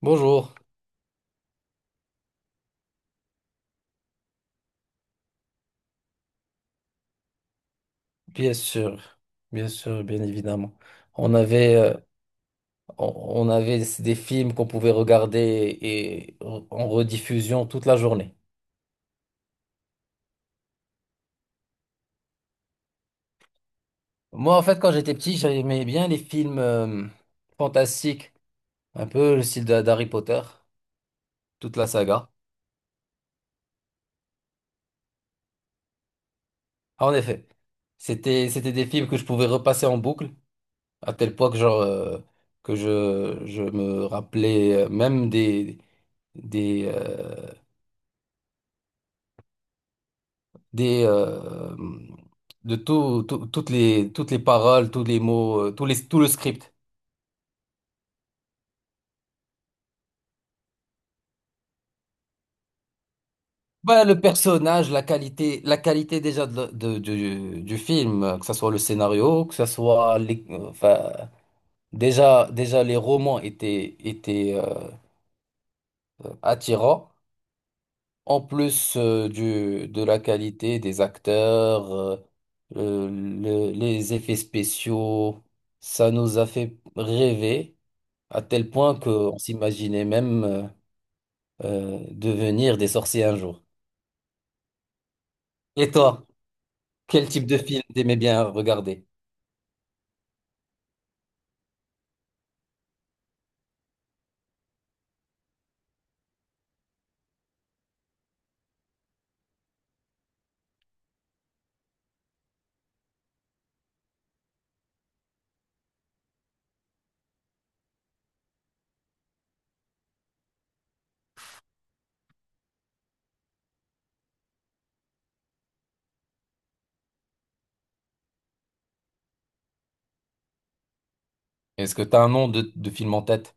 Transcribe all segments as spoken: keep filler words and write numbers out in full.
Bonjour, bien sûr, bien sûr, bien évidemment. On avait, euh, on on avait des films qu'on pouvait regarder et re- en rediffusion toute la journée. Moi, en fait, quand j'étais petit, j'aimais bien les films euh, fantastiques, un peu le style d'Ha- d'Harry Potter, toute la saga. Ah, en effet, c'était, c'était des films que je pouvais repasser en boucle, à tel point que, genre, euh, que je, je me rappelais euh, même des, des, euh, des euh, de tout, tout- toutes les toutes les paroles, tous les mots, euh, tous les tout le script. Bah, le personnage, la qualité, la qualité déjà de, de- du, du film, euh, que ce soit le scénario, que ce soit les, euh, enfin, déjà déjà les romans étaient étaient euh, euh, attirants. En plus euh, du de la qualité des acteurs, euh, euh, le- les effets spéciaux, ça nous a fait rêver. À tel point qu'on s'imaginait même euh, euh, devenir des sorciers un jour. Et toi, quel type de film t'aimais bien regarder? Est-ce que t'as un nom de, de film en tête?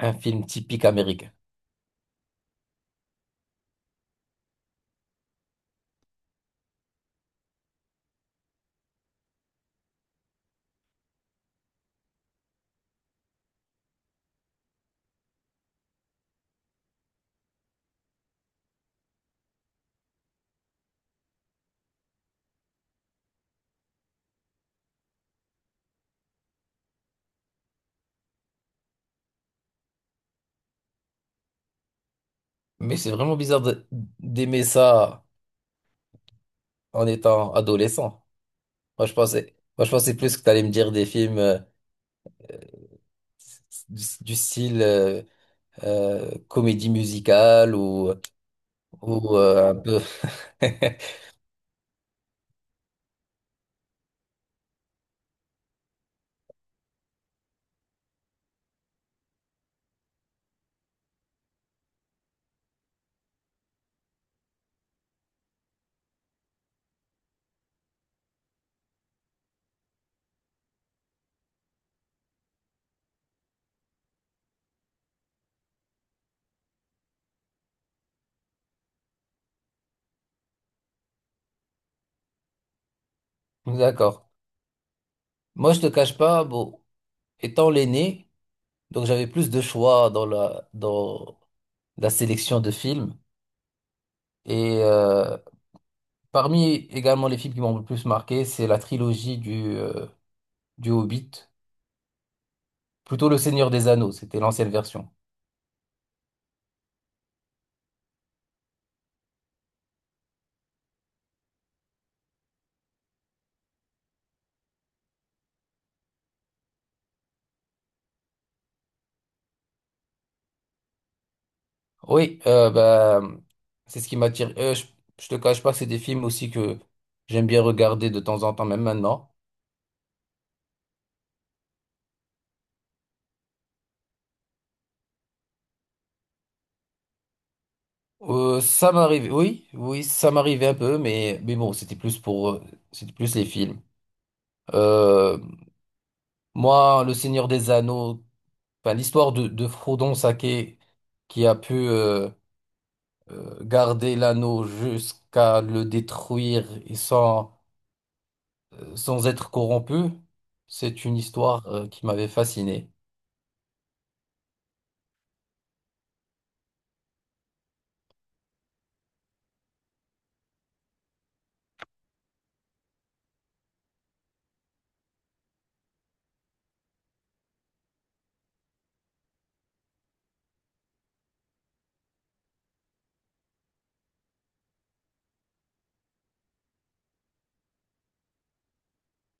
Un film typique américain. Mais c'est vraiment bizarre de- d'aimer ça en étant adolescent. Moi, je pensais, moi, je pensais plus que t'allais me dire des films euh, du, du style euh, euh, comédie musicale ou, ou euh, un peu... D'accord. Moi, je te cache pas, bon, étant l'aîné, donc j'avais plus de choix dans la, dans la sélection de films. Et euh, parmi également les films qui m'ont le plus marqué, c'est la trilogie du, euh, du Hobbit, plutôt Le Seigneur des Anneaux, c'était l'ancienne version. Oui, euh, bah, c'est ce qui m'attire. Euh, je, je te cache pas, c'est des films aussi que j'aime bien regarder de temps en temps, même maintenant. Euh, ça m'arrive, oui, oui, ça m'arrivait un peu, mais, mais bon, c'était plus pour, euh, c'était plus les films. Euh, moi, Le Seigneur des Anneaux, enfin, l'histoire de, de Frodon Sake qui a pu euh, euh, garder l'anneau jusqu'à le détruire et sans, euh, sans être corrompu, c'est une histoire euh, qui m'avait fasciné.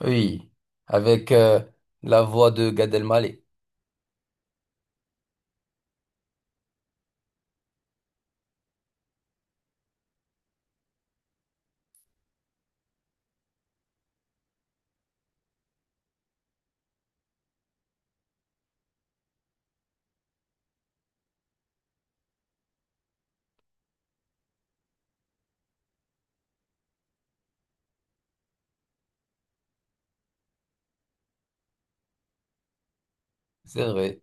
Oui, avec euh, la voix de Gad Elmaleh. C'est vrai,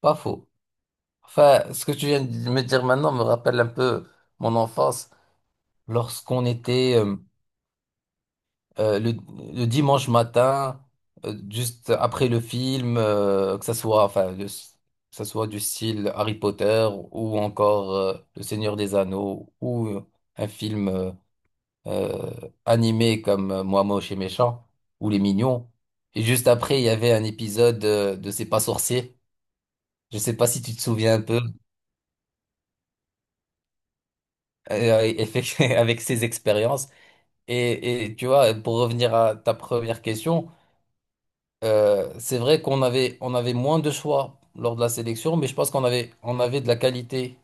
pas faux. Enfin, ce que tu viens de me dire maintenant me rappelle un peu mon enfance, lorsqu'on était euh, euh, le, le dimanche matin, euh, juste après le film, euh, que ça soit, enfin, le- que ça soit du style Harry Potter ou encore euh, Le Seigneur des Anneaux ou euh, un film euh, euh, animés comme euh, Moi Moche et Méchant ou Les Mignons. Et juste après, il y avait un épisode euh, de C'est pas sorcier. Je sais pas si tu te souviens un peu euh, effect- avec ses expériences. Et, et tu vois, pour revenir à ta première question, euh, c'est vrai qu'on avait, on avait moins de choix lors de la sélection, mais je pense qu'on avait, on avait de la qualité.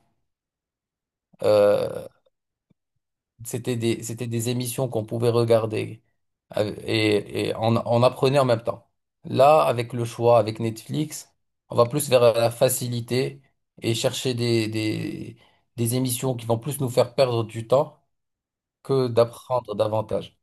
Euh, c'était des, c'était des émissions qu'on pouvait regarder. Euh, et, et on, on apprenait en même temps. Là, avec le choix, avec Netflix, on va plus vers la facilité et chercher des, des, des émissions qui vont plus nous faire perdre du temps que d'apprendre davantage.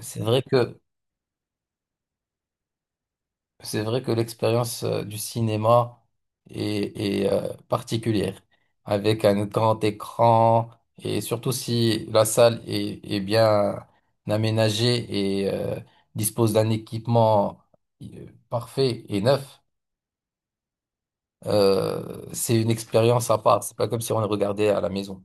C'est vrai que C'est vrai que l'expérience euh, du cinéma est, est, euh, particulière, avec un grand écran, et surtout si la salle est, est bien aménagée et euh, dispose d'un équipement euh, parfait et neuf, euh, c'est une expérience à part. C'est pas comme si on le regardait à la maison.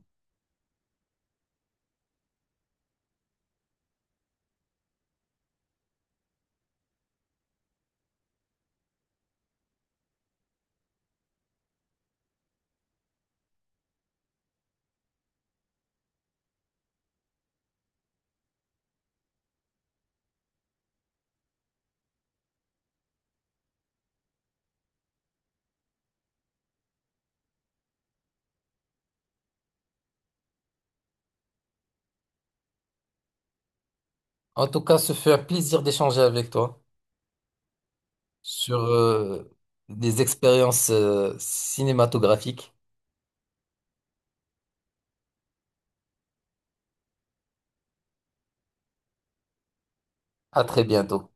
En tout cas, ce fut un plaisir d'échanger avec toi sur euh, des expériences euh, cinématographiques. À très bientôt.